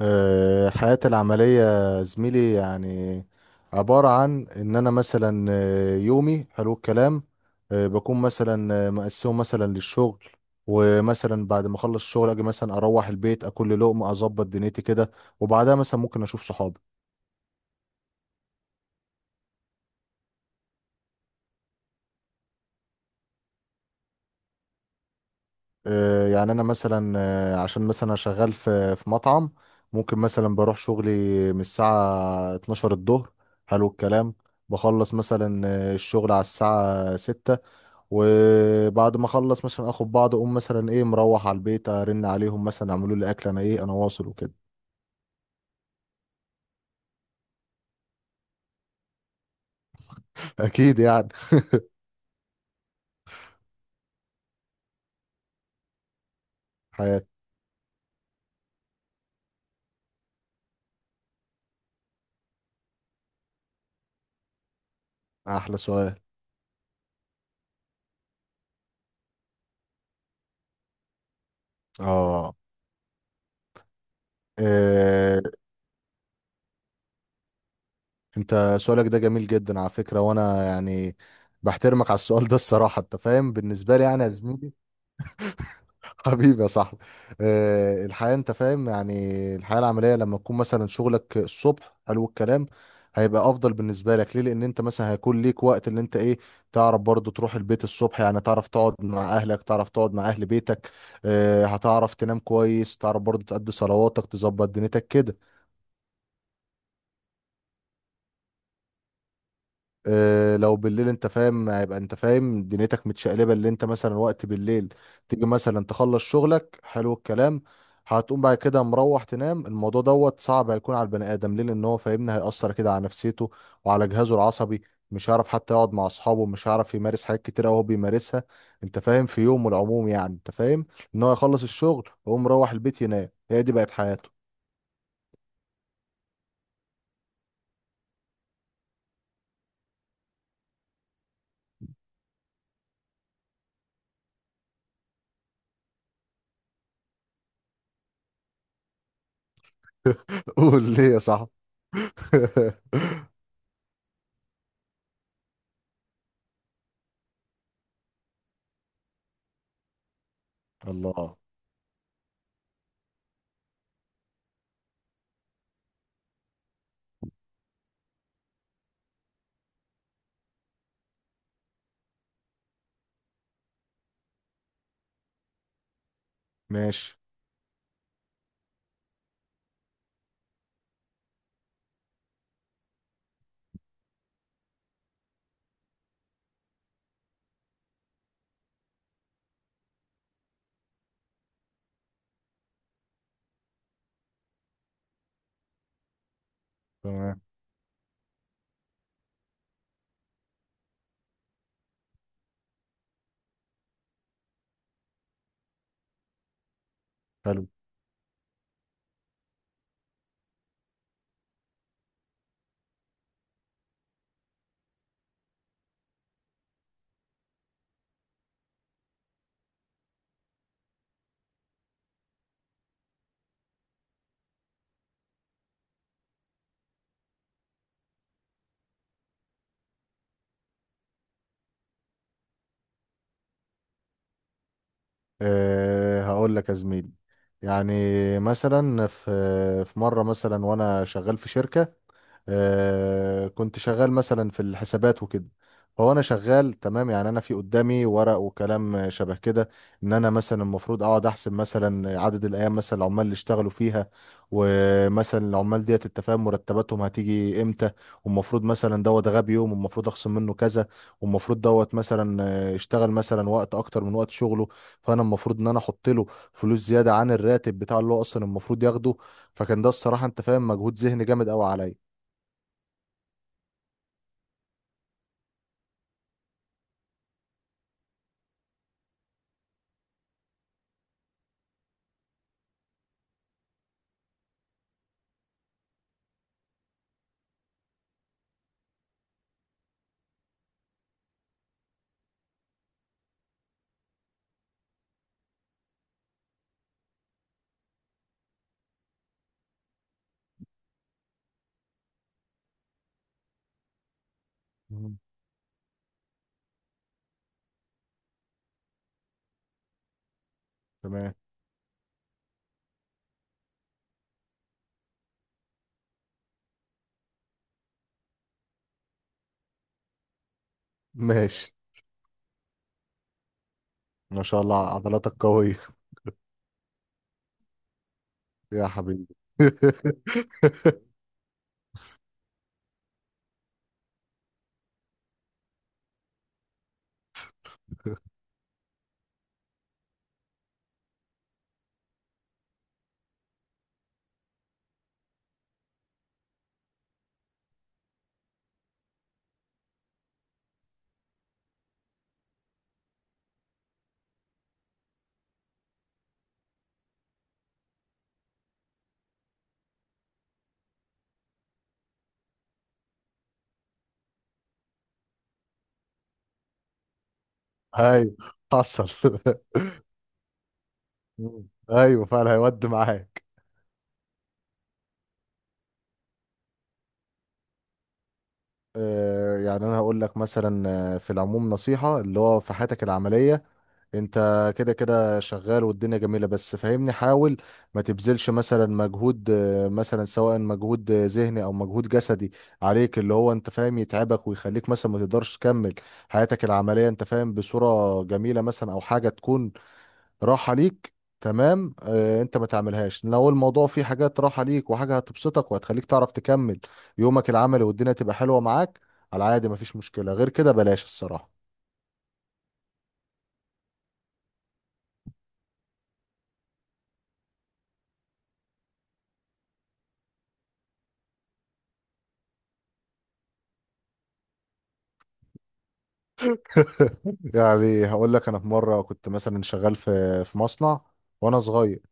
حياتي العملية زميلي يعني عبارة عن إن أنا مثلا يومي حلو الكلام. بكون مثلا مقسمه مثلا للشغل، ومثلا بعد ما أخلص الشغل أجي مثلا أروح البيت أكل لي لقمة أظبط دنيتي كده، وبعدها مثلا ممكن أشوف صحابي. يعني أنا مثلا عشان مثلا أنا شغال في مطعم. ممكن مثلا بروح شغلي من الساعة 12 الظهر حلو الكلام. بخلص مثلا الشغل على الساعة 6، وبعد ما اخلص مثلا اخد بعض اقوم مثلا ايه مروح على البيت ارن عليهم مثلا اعملوا لي اكل انا ايه انا واصل وكده. اكيد يعني. حياتي. احلى سؤال. اه. إيه. انت سؤالك ده جميل جدا على فكرة، وانا يعني بحترمك على السؤال ده الصراحة، انت فاهم بالنسبة لي يعني يا زميلي. حبيبي يا صاحبي. الحياة انت فاهم يعني الحياة العملية لما تكون مثلا شغلك الصبح حلو الكلام. هيبقى افضل بالنسبة لك ليه؟ لان انت مثلا هيكون ليك وقت اللي انت ايه تعرف برضو تروح البيت الصبح، يعني تعرف تقعد مع اهلك، تعرف تقعد مع اهل بيتك. هتعرف تنام كويس، تعرف برضو تأدي صلواتك تظبط دنيتك كده. لو بالليل انت فاهم هيبقى انت فاهم دنيتك متشقلبه اللي انت مثلا وقت بالليل تيجي مثلا تخلص شغلك حلو الكلام. هتقوم بعد كده مروح تنام، الموضوع دوت صعب هيكون على البني ادم. ليه؟ لان هو فاهمني هيأثر كده على نفسيته وعلى جهازه العصبي. مش هيعرف حتى يقعد مع اصحابه، مش هيعرف يمارس حاجات كتير قوي هو بيمارسها انت فاهم في يومه العموم، يعني انت فاهم ان هو يخلص الشغل ويقوم مروح البيت ينام، هي دي بقت حياته. قول ليه يا صاحبي. الله. ماشي. تمام. حلو. أه هقول لك يا زميلي، يعني مثلا في مرة مثلا وأنا شغال في شركة. كنت شغال مثلا في الحسابات وكده، فهو انا شغال تمام يعني انا في قدامي ورق وكلام شبه كده. ان انا مثلا المفروض اقعد احسب مثلا عدد الايام مثلا العمال اللي اشتغلوا فيها، ومثلا العمال ديت انت فاهم مرتباتهم هتيجي امتى، والمفروض مثلا دوت غاب يوم والمفروض اخصم منه كذا، والمفروض دوت مثلا اشتغل مثلا وقت اكتر من وقت شغله، فانا المفروض ان انا احط له فلوس زياده عن الراتب بتاع اللي هو اصلا المفروض ياخده. فكان ده الصراحه انت فاهم مجهود ذهني جامد قوي عليا. مم. تمام. ماشي. ما شاء الله عضلاتك قوية يا حبيبي. ايوه حصل. مم. ايوه فعلا هيودي معاك. يعني انا هقول لك مثلا في العموم نصيحة اللي هو في حياتك العملية انت كده كده شغال والدنيا جميلة، بس فاهمني حاول ما تبذلش مثلا مجهود مثلا سواء مجهود ذهني او مجهود جسدي عليك اللي هو انت فاهم يتعبك ويخليك مثلا ما تقدرش تكمل حياتك العملية انت فاهم بصورة جميلة، مثلا او حاجة تكون راحة ليك. تمام اه انت ما تعملهاش لو الموضوع فيه حاجات راحة ليك وحاجة هتبسطك وهتخليك تعرف تكمل يومك العملي والدنيا تبقى حلوة معاك على عادي، مفيش مشكلة غير كده بلاش الصراحة. يعني هقول لك انا في مره كنت مثلا شغال في مصنع وانا صغير.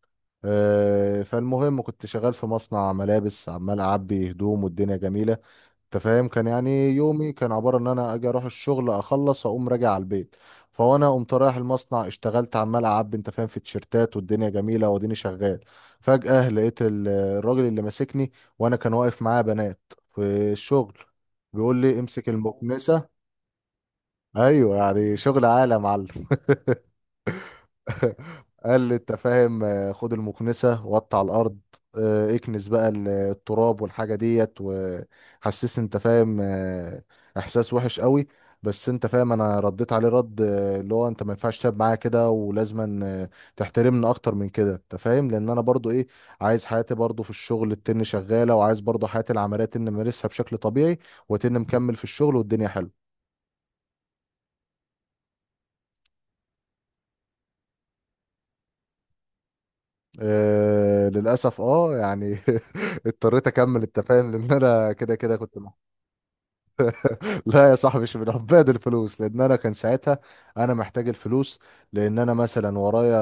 فالمهم كنت شغال في مصنع ملابس عمال اعبي هدوم والدنيا جميله، انت فاهم كان يعني يومي كان عباره ان انا اجي اروح الشغل اخلص اقوم راجع على البيت. فوانا قمت رايح المصنع اشتغلت عمال اعبي انت فاهم في تيشيرتات والدنيا جميله واديني شغال. فجاه لقيت الراجل اللي ماسكني، وانا كان واقف معاه بنات في الشغل، بيقول لي امسك المكنسه. ايوه يعني شغل عالي يا معلم. قال لي انت فاهم خد المكنسة وقطع الأرض. اكنس بقى التراب والحاجة ديت، وحسسني انت فاهم إحساس وحش قوي. بس انت فاهم انا رديت عليه رد اللي هو انت ما ينفعش تلعب معايا كده ولازما تحترمني اكتر من كده، انت فاهم لان انا برضو ايه عايز حياتي برضو في الشغل التن شغالة، وعايز برضو حياتي العملية تن مارسها بشكل طبيعي، وتن مكمل في الشغل والدنيا حلوة. للأسف اه يعني اضطريت أكمل أنت فاهم لأن أنا كده كده كنت لا يا صاحبي مش من عباد الفلوس، لأن أنا كان ساعتها أنا محتاج الفلوس، لأن أنا مثلا ورايا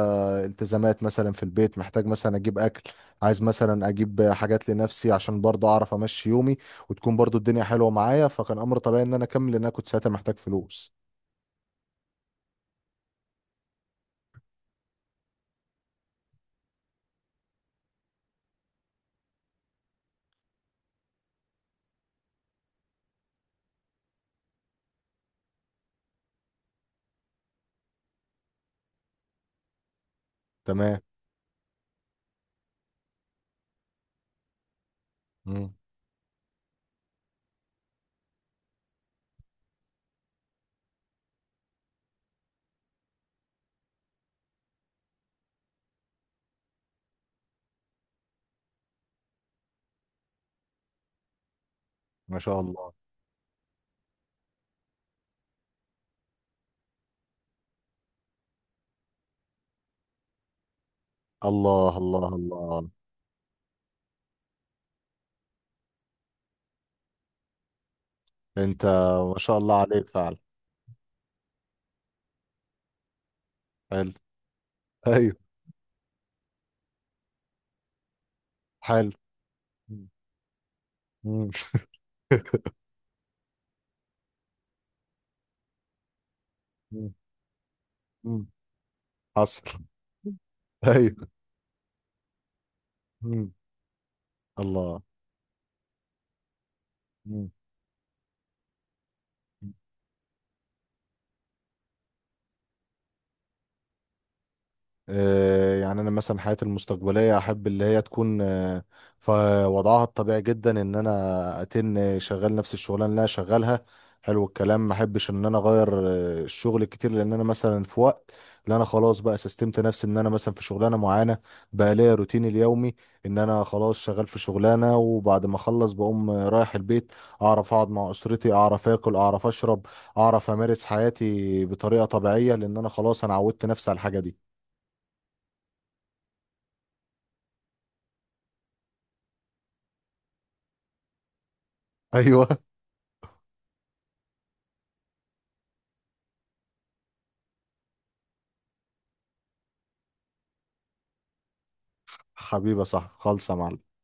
التزامات مثلا في البيت، محتاج مثلا أجيب أكل، عايز مثلا أجيب حاجات لنفسي عشان برضه أعرف أمشي يومي وتكون برضه الدنيا حلوة معايا. فكان أمر طبيعي إن أنا أكمل لأن أنا كنت ساعتها محتاج فلوس. تمام. مم. ما شاء الله. الله الله الله الله، أنت ما شاء الله عليك فعلا. حلو. ايوه. حلو. مم. مم. مم. مم. حصل. ايوه. مم. الله. مم. يعني انا مثلا حياتي المستقبليه احب اللي هي تكون في وضعها الطبيعي جدا ان انا اتن شغال نفس الشغلانه اللي انا شغالها حلو الكلام. ما احبش ان انا اغير الشغل كتير، لان انا مثلا في وقت اللي انا خلاص بقى سستمت نفسي ان انا مثلا في شغلانه معينه بقى ليا روتيني اليومي، ان انا خلاص شغال في شغلانه وبعد ما اخلص بقوم رايح البيت، اعرف اقعد مع اسرتي اعرف اكل اعرف اشرب، اعرف امارس حياتي بطريقه طبيعيه، لان انا خلاص انا عودت نفسي على الحاجه دي. ايوه حبيبة صح خالصة يا معلم.